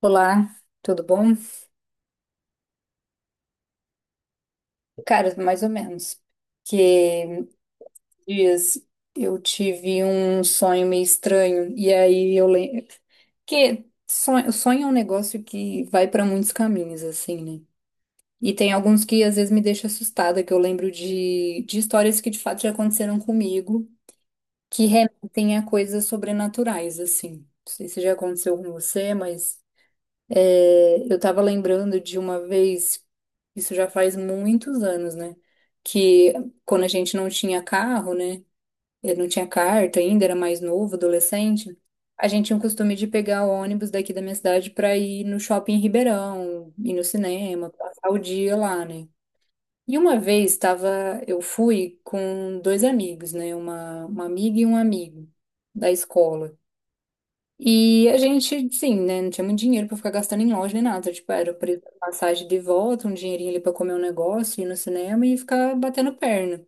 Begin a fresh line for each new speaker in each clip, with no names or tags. Olá, tudo bom? Cara, mais ou menos. Que dias eu tive um sonho meio estranho e aí eu lembro que sonho, sonho é um negócio que vai para muitos caminhos assim, né? E tem alguns que às vezes me deixam assustada, que eu lembro de histórias que de fato já aconteceram comigo, que remetem a coisas sobrenaturais assim. Não sei se já aconteceu com você, mas é, eu estava lembrando de uma vez, isso já faz muitos anos, né? Que quando a gente não tinha carro, né? Eu não tinha carta ainda, era mais novo, adolescente. A gente tinha o costume de pegar o ônibus daqui da minha cidade para ir no shopping em Ribeirão, ir no cinema, passar o dia lá, né? E uma vez tava, eu fui com dois amigos, né? Uma amiga e um amigo da escola. E a gente, sim, né? Não tinha muito dinheiro pra ficar gastando em loja nem nada. Tipo, era o preço da passagem de volta, um dinheirinho ali pra comer um negócio, ir no cinema e ficar batendo perna.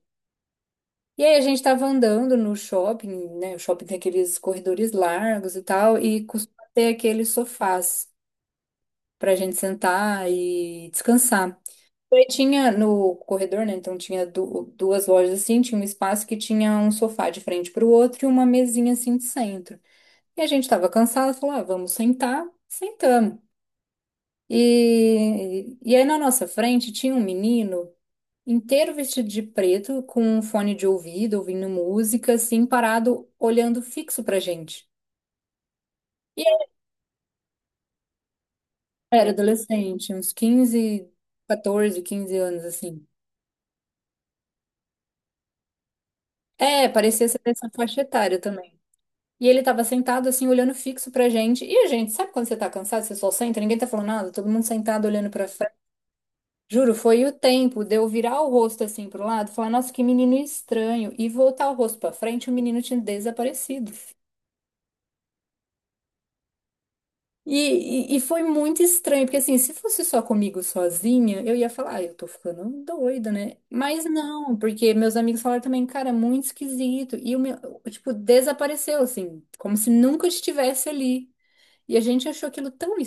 E aí a gente tava andando no shopping, né? O shopping tem aqueles corredores largos e tal, e costuma ter aqueles sofás pra gente sentar e descansar. E aí tinha no corredor, né? Então tinha duas lojas assim, tinha um espaço que tinha um sofá de frente pro outro e uma mesinha assim de centro. E a gente estava cansado, falou, ah, vamos sentar, sentamos. E aí na nossa frente tinha um menino inteiro vestido de preto, com um fone de ouvido, ouvindo música, assim, parado, olhando fixo pra gente. E eu era adolescente, uns quinze, 14, quinze anos, assim. É, parecia ser dessa faixa etária também. E ele tava sentado, assim, olhando fixo pra gente. E a gente, sabe quando você tá cansado, você só senta, ninguém tá falando nada, todo mundo sentado olhando pra frente. Juro, foi o tempo de eu virar o rosto assim pro lado, falar, nossa, que menino estranho, e voltar o rosto pra frente, o menino tinha desaparecido. E, e foi muito estranho, porque assim, se fosse só comigo sozinha, eu ia falar, ah, eu tô ficando doida, né? Mas não, porque meus amigos falaram também, cara, é muito esquisito. E o meu, tipo, desapareceu, assim, como se nunca estivesse ali. E a gente achou aquilo tão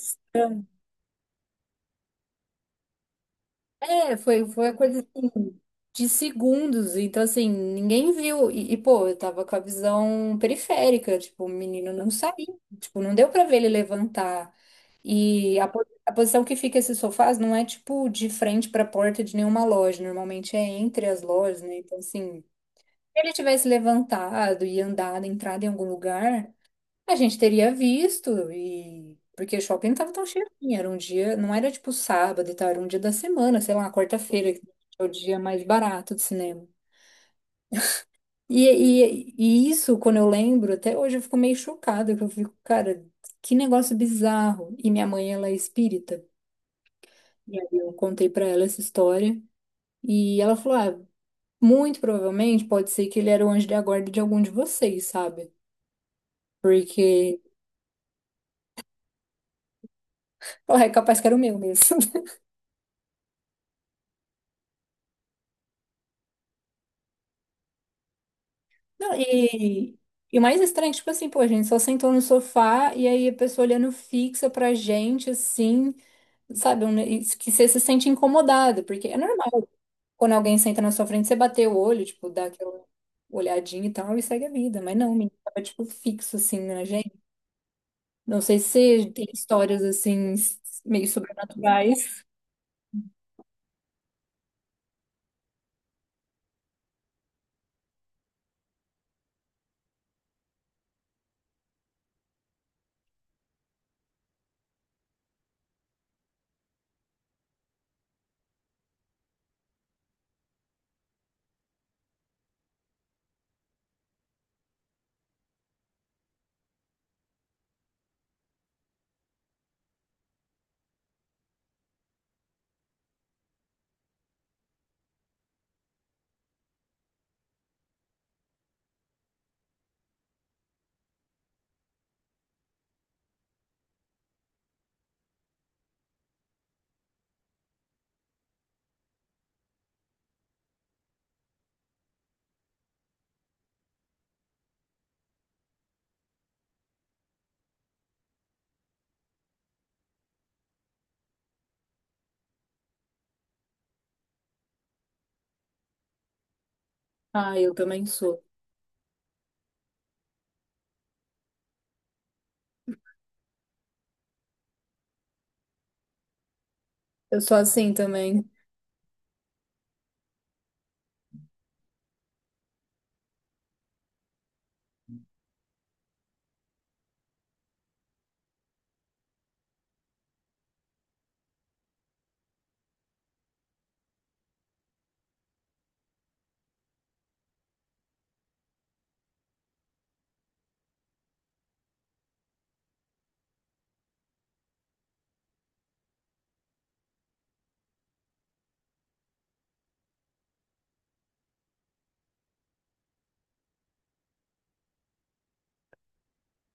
é, foi a coisa assim, de segundos. Então, assim, ninguém viu. Pô, eu tava com a visão periférica. Tipo, o menino não saiu. Tipo, não deu pra ver ele levantar. E a posição que fica esses sofás não é, tipo, de frente pra porta de nenhuma loja. Normalmente é entre as lojas, né? Então, assim, se ele tivesse levantado e andado, entrado em algum lugar. A gente teria visto e porque o shopping não tava tão cheio assim, era um dia, não era tipo sábado e tal, era um dia da semana, sei lá, quarta-feira, que é o dia mais barato de cinema. E isso, quando eu lembro, até hoje eu fico meio chocada, que eu fico, cara, que negócio bizarro. E minha mãe, ela é espírita. E aí eu contei pra ela essa história e ela falou: "Ah, muito provavelmente pode ser que ele era o anjo da guarda de algum de vocês, sabe? Porque, ó, é capaz que era o meu mesmo." Não, e o mais estranho, tipo assim, pô, a gente só sentou no sofá e aí a pessoa olhando fixa pra gente, assim, sabe? Um, e que você se sente incomodado, porque é normal quando alguém senta na sua frente, você bater o olho, tipo, dá aquela olhadinha e tal, e segue a vida. Mas não, o menino tava, tipo, fixo, assim, na gente. Não sei se você tem histórias, assim, meio sobrenaturais. Ah, eu também sou. Eu sou assim também.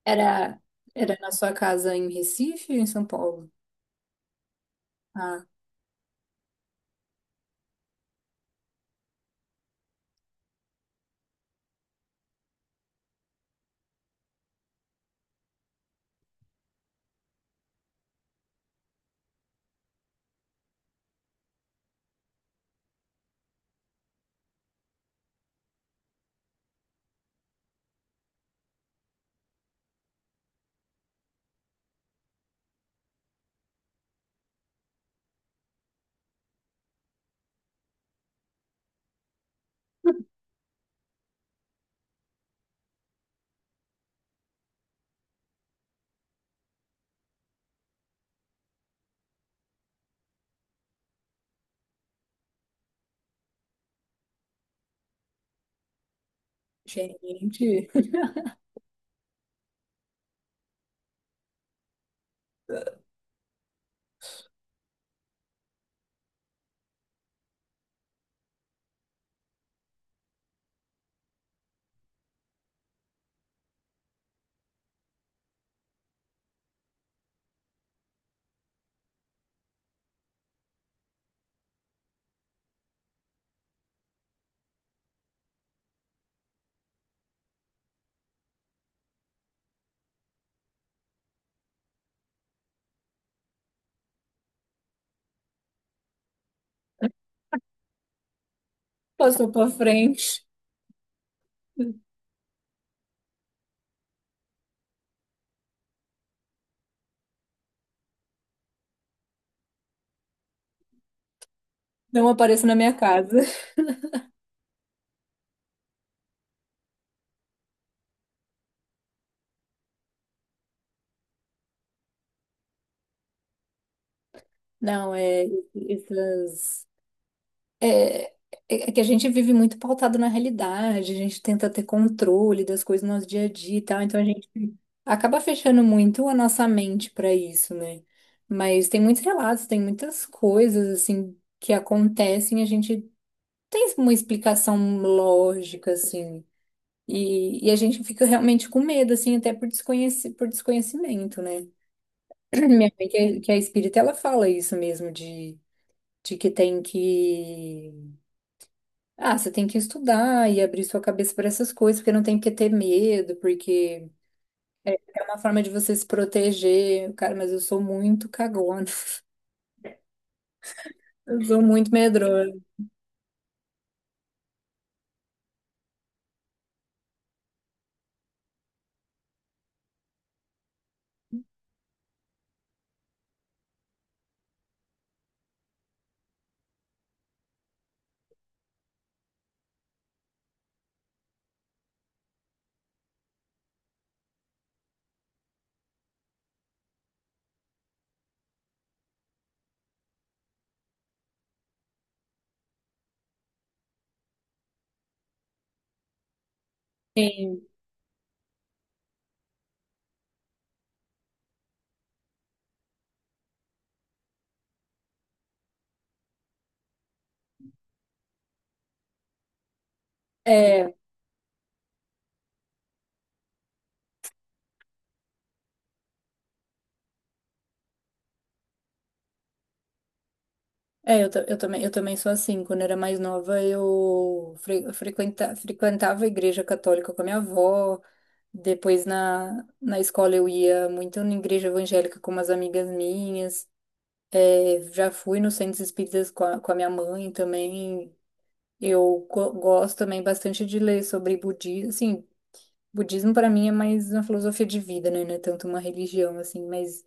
Era, era na sua casa em Recife ou em São Paulo? Ah. Gente, passou pra frente. Não apareça na minha casa. Não, é essas. É, é é que a gente vive muito pautado na realidade, a gente tenta ter controle das coisas no nosso dia a dia e tal, então a gente acaba fechando muito a nossa mente para isso, né? Mas tem muitos relatos, tem muitas coisas, assim, que acontecem, a gente tem uma explicação lógica, assim. E a gente fica realmente com medo, assim, até por por desconhecimento, né? Minha mãe, que é espírita, ela fala isso mesmo, de que tem que. Ah, você tem que estudar e abrir sua cabeça para essas coisas, porque não tem que ter medo, porque é uma forma de você se proteger. Cara, mas eu sou muito cagona, eu sou muito medrosa. Sim. É. É, eu, eu também sou assim. Quando eu era mais nova, eu frequentava a igreja católica com a minha avó. Depois na escola eu ia muito na igreja evangélica com umas amigas minhas. É, já fui nos centros espíritas com a minha mãe também. Eu gosto também bastante de ler sobre budismo. Assim, budismo para mim é mais uma filosofia de vida, né? Não é tanto uma religião, assim. Mas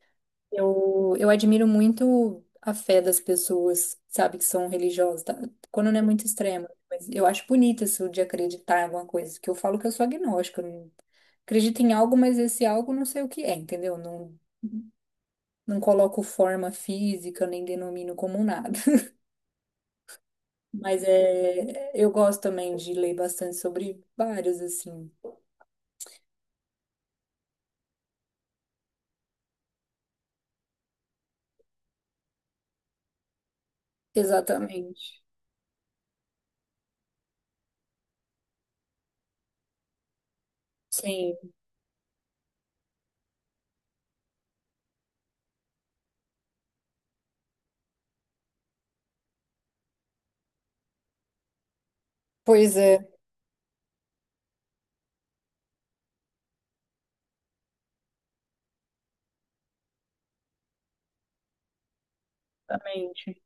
eu admiro muito a fé das pessoas, sabe, que são religiosas. Tá? Quando não é muito extrema. Mas eu acho bonito isso de acreditar em alguma coisa. Que eu falo que eu sou agnóstica, acredito em algo, mas esse algo não sei o que é, entendeu? Não, não coloco forma física, nem denomino como nada. Mas é, eu gosto também de ler bastante sobre vários, assim. Exatamente. Sim, pois é. Exatamente.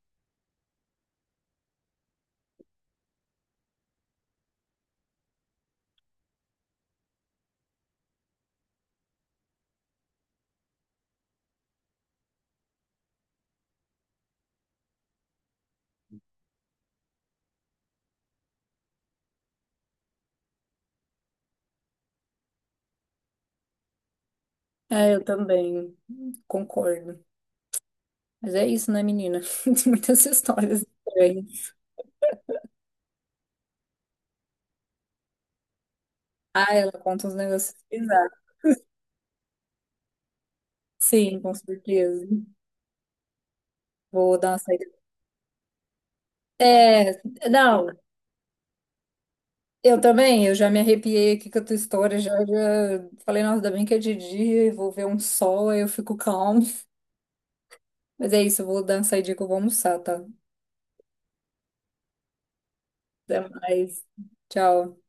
É, eu também concordo. Mas é isso, né, menina? Tem muitas histórias estranhas. Ah, ela conta uns negócios bizarros. Sim, com certeza. Vou dar uma saída. É, não, eu também, eu já me arrepiei aqui com a tua história, já, já falei, nossa, ainda bem que é de dia, eu vou ver um sol, aí eu fico calmo. Mas é isso, eu vou dar uma saidinha que eu vou almoçar, tá? Até mais. Tchau.